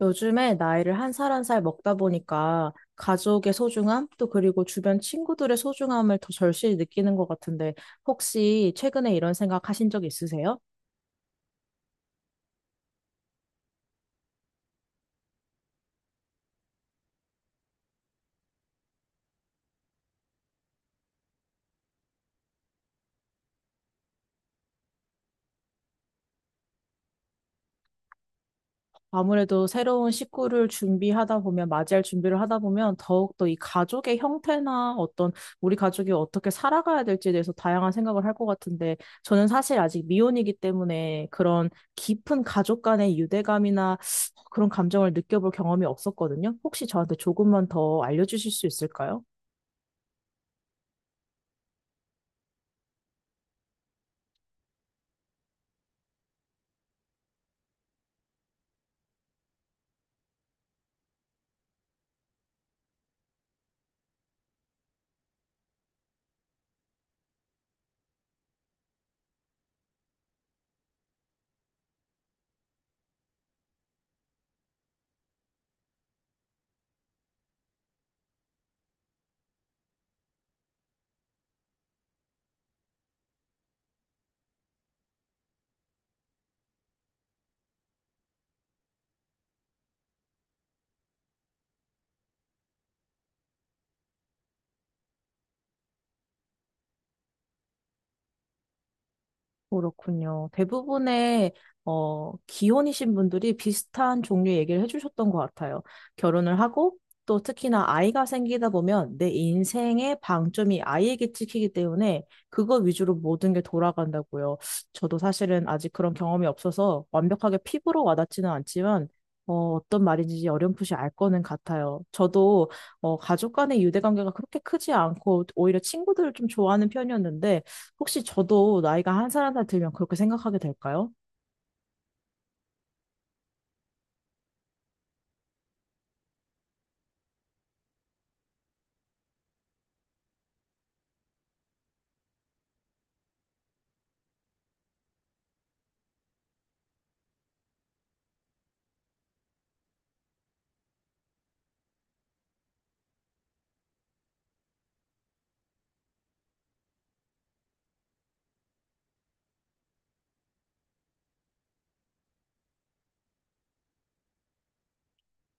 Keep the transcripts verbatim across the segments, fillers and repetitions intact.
요즘에 나이를 한 살 한 살 먹다 보니까 가족의 소중함, 또 그리고 주변 친구들의 소중함을 더 절실히 느끼는 것 같은데, 혹시 최근에 이런 생각 하신 적 있으세요? 아무래도 새로운 식구를 준비하다 보면, 맞이할 준비를 하다 보면, 더욱더 이 가족의 형태나 어떤, 우리 가족이 어떻게 살아가야 될지에 대해서 다양한 생각을 할 것 같은데, 저는 사실 아직 미혼이기 때문에 그런 깊은 가족 간의 유대감이나 그런 감정을 느껴볼 경험이 없었거든요. 혹시 저한테 조금만 더 알려주실 수 있을까요? 그렇군요. 대부분의 어, 기혼이신 분들이 비슷한 종류의 얘기를 해주셨던 것 같아요. 결혼을 하고, 또 특히나 아이가 생기다 보면 내 인생의 방점이 아이에게 찍히기 때문에 그거 위주로 모든 게 돌아간다고요. 저도 사실은 아직 그런 경험이 없어서 완벽하게 피부로 와닿지는 않지만 어, 어떤 말인지 어렴풋이 알 거는 같아요. 저도 어, 가족 간의 유대관계가 그렇게 크지 않고 오히려 친구들을 좀 좋아하는 편이었는데, 혹시 저도 나이가 한 살 한 살 들면 그렇게 생각하게 될까요?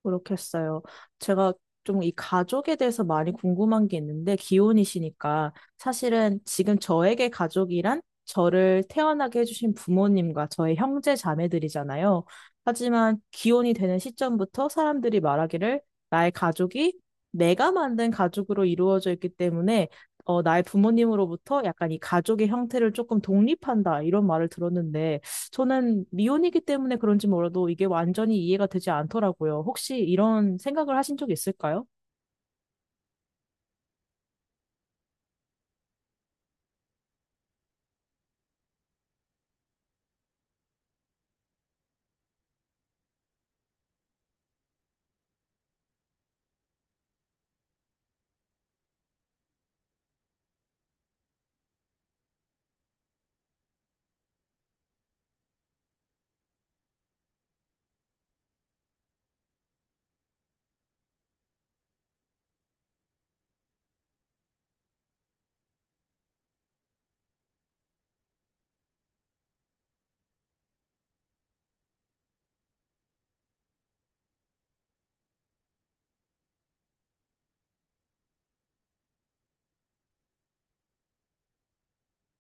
그렇겠어요. 제가 좀 이 가족에 대해서 많이 궁금한 게 있는데, 기혼이시니까. 사실은 지금 저에게 가족이란 저를 태어나게 해주신 부모님과 저의 형제 자매들이잖아요. 하지만 기혼이 되는 시점부터 사람들이 말하기를, 나의 가족이 내가 만든 가족으로 이루어져 있기 때문에 어, 나의 부모님으로부터 약간 이 가족의 형태를 조금 독립한다, 이런 말을 들었는데, 저는 미혼이기 때문에 그런지 몰라도 이게 완전히 이해가 되지 않더라고요. 혹시 이런 생각을 하신 적 있을까요?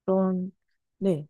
그런, 네.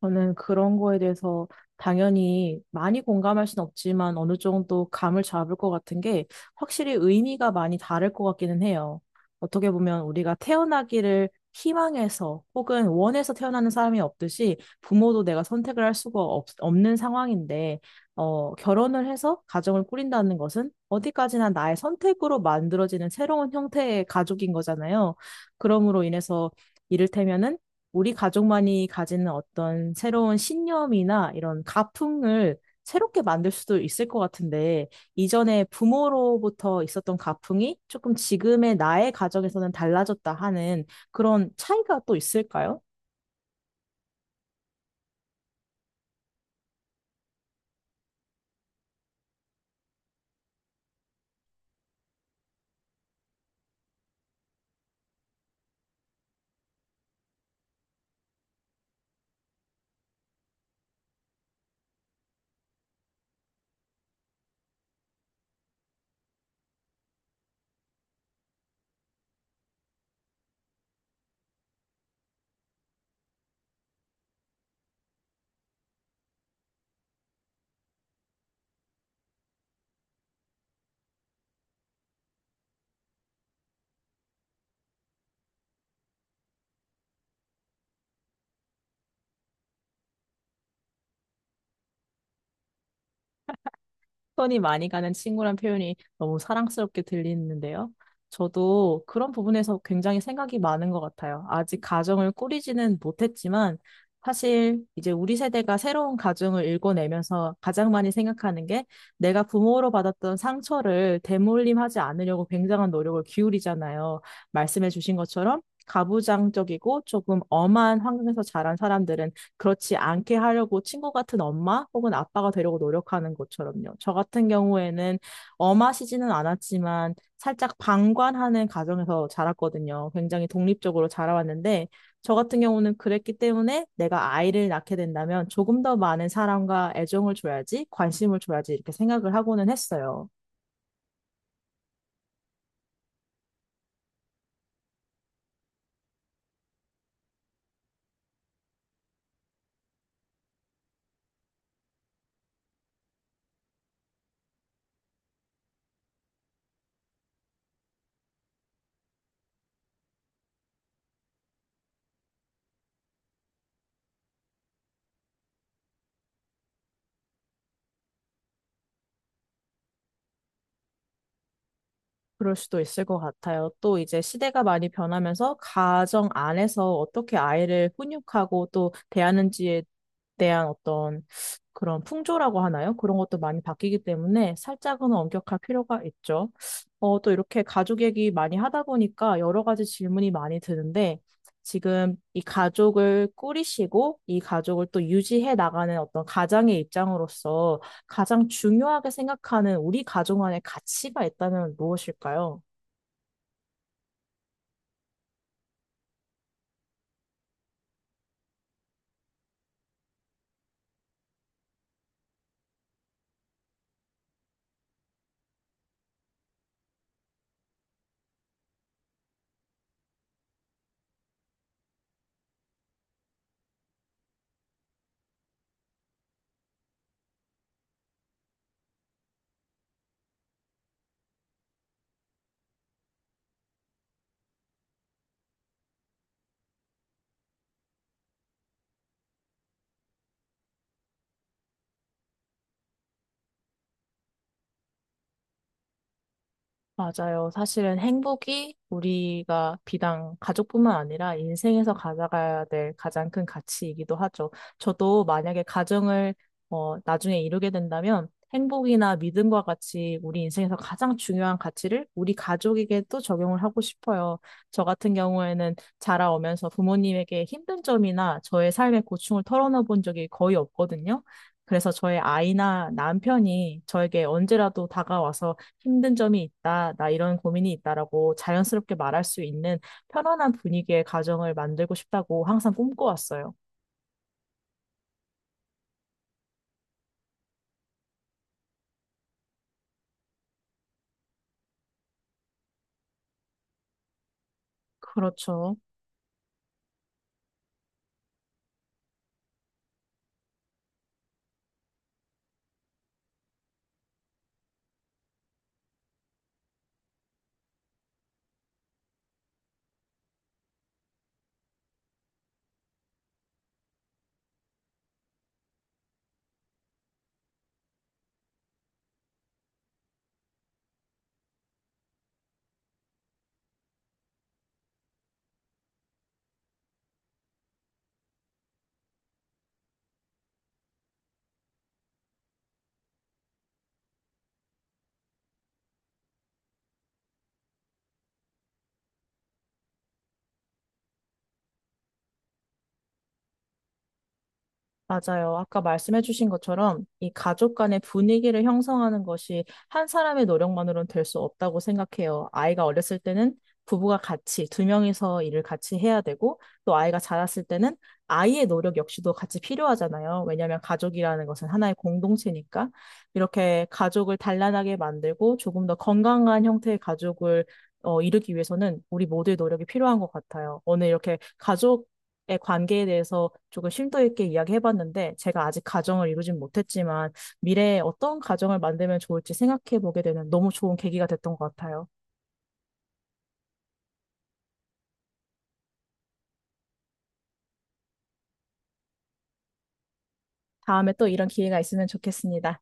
저는 그런 거에 대해서 당연히 많이 공감할 순 없지만, 어느 정도 감을 잡을 것 같은 게 확실히 의미가 많이 다를 것 같기는 해요. 어떻게 보면 우리가 태어나기를 희망해서 혹은 원해서 태어나는 사람이 없듯이, 부모도 내가 선택을 할 수가 없, 없는 상황인데 어, 결혼을 해서 가정을 꾸린다는 것은 어디까지나 나의 선택으로 만들어지는 새로운 형태의 가족인 거잖아요. 그러므로 인해서 이를테면은 우리 가족만이 가지는 어떤 새로운 신념이나 이런 가풍을 새롭게 만들 수도 있을 것 같은데, 이전에 부모로부터 있었던 가풍이 조금 지금의 나의 가정에서는 달라졌다 하는, 그런 차이가 또 있을까요? 손이 많이 가는 친구란 표현이 너무 사랑스럽게 들리는데요. 저도 그런 부분에서 굉장히 생각이 많은 것 같아요. 아직 가정을 꾸리지는 못했지만, 사실 이제 우리 세대가 새로운 가정을 일궈내면서 가장 많이 생각하는 게, 내가 부모로 받았던 상처를 되물림하지 않으려고 굉장한 노력을 기울이잖아요. 말씀해 주신 것처럼 가부장적이고 조금 엄한 환경에서 자란 사람들은 그렇지 않게 하려고 친구 같은 엄마 혹은 아빠가 되려고 노력하는 것처럼요. 저 같은 경우에는 엄하시지는 않았지만 살짝 방관하는 가정에서 자랐거든요. 굉장히 독립적으로 자라왔는데, 저 같은 경우는 그랬기 때문에 내가 아이를 낳게 된다면 조금 더 많은 사랑과 애정을 줘야지, 관심을 줘야지 이렇게 생각을 하고는 했어요. 그럴 수도 있을 것 같아요. 또 이제 시대가 많이 변하면서 가정 안에서 어떻게 아이를 훈육하고 또 대하는지에 대한 어떤, 그런 풍조라고 하나요? 그런 것도 많이 바뀌기 때문에 살짝은 엄격할 필요가 있죠. 어, 또 이렇게 가족 얘기 많이 하다 보니까 여러 가지 질문이 많이 드는데, 지금 이 가족을 꾸리시고 이 가족을 또 유지해 나가는 어떤 가장의 입장으로서 가장 중요하게 생각하는 우리 가족 안에 가치가 있다면 무엇일까요? 맞아요. 사실은 행복이 우리가 비단 가족뿐만 아니라 인생에서 가져가야 될 가장 큰 가치이기도 하죠. 저도 만약에 가정을 어, 나중에 이루게 된다면, 행복이나 믿음과 같이 우리 인생에서 가장 중요한 가치를 우리 가족에게도 적용을 하고 싶어요. 저 같은 경우에는 자라오면서 부모님에게 힘든 점이나 저의 삶의 고충을 털어놓은 본 적이 거의 없거든요. 그래서 저의 아이나 남편이 저에게 언제라도 다가와서 힘든 점이 있다, 나 이런 고민이 있다라고 자연스럽게 말할 수 있는 편안한 분위기의 가정을 만들고 싶다고 항상 꿈꿔왔어요. 그렇죠. 맞아요. 아까 말씀해주신 것처럼 이 가족 간의 분위기를 형성하는 것이 한 사람의 노력만으로는 될 수 없다고 생각해요. 아이가 어렸을 때는 부부가 같이 두 명이서 일을 같이 해야 되고, 또 아이가 자랐을 때는 아이의 노력 역시도 같이 필요하잖아요. 왜냐하면 가족이라는 것은 하나의 공동체니까. 이렇게 가족을 단란하게 만들고 조금 더 건강한 형태의 가족을 어, 이루기 위해서는 우리 모두의 노력이 필요한 것 같아요. 오늘 이렇게 가족 관계에 대해서 조금 심도 있게 이야기해봤는데, 제가 아직 가정을 이루진 못했지만 미래에 어떤 가정을 만들면 좋을지 생각해보게 되는 너무 좋은 계기가 됐던 것 같아요. 다음에 또 이런 기회가 있으면 좋겠습니다.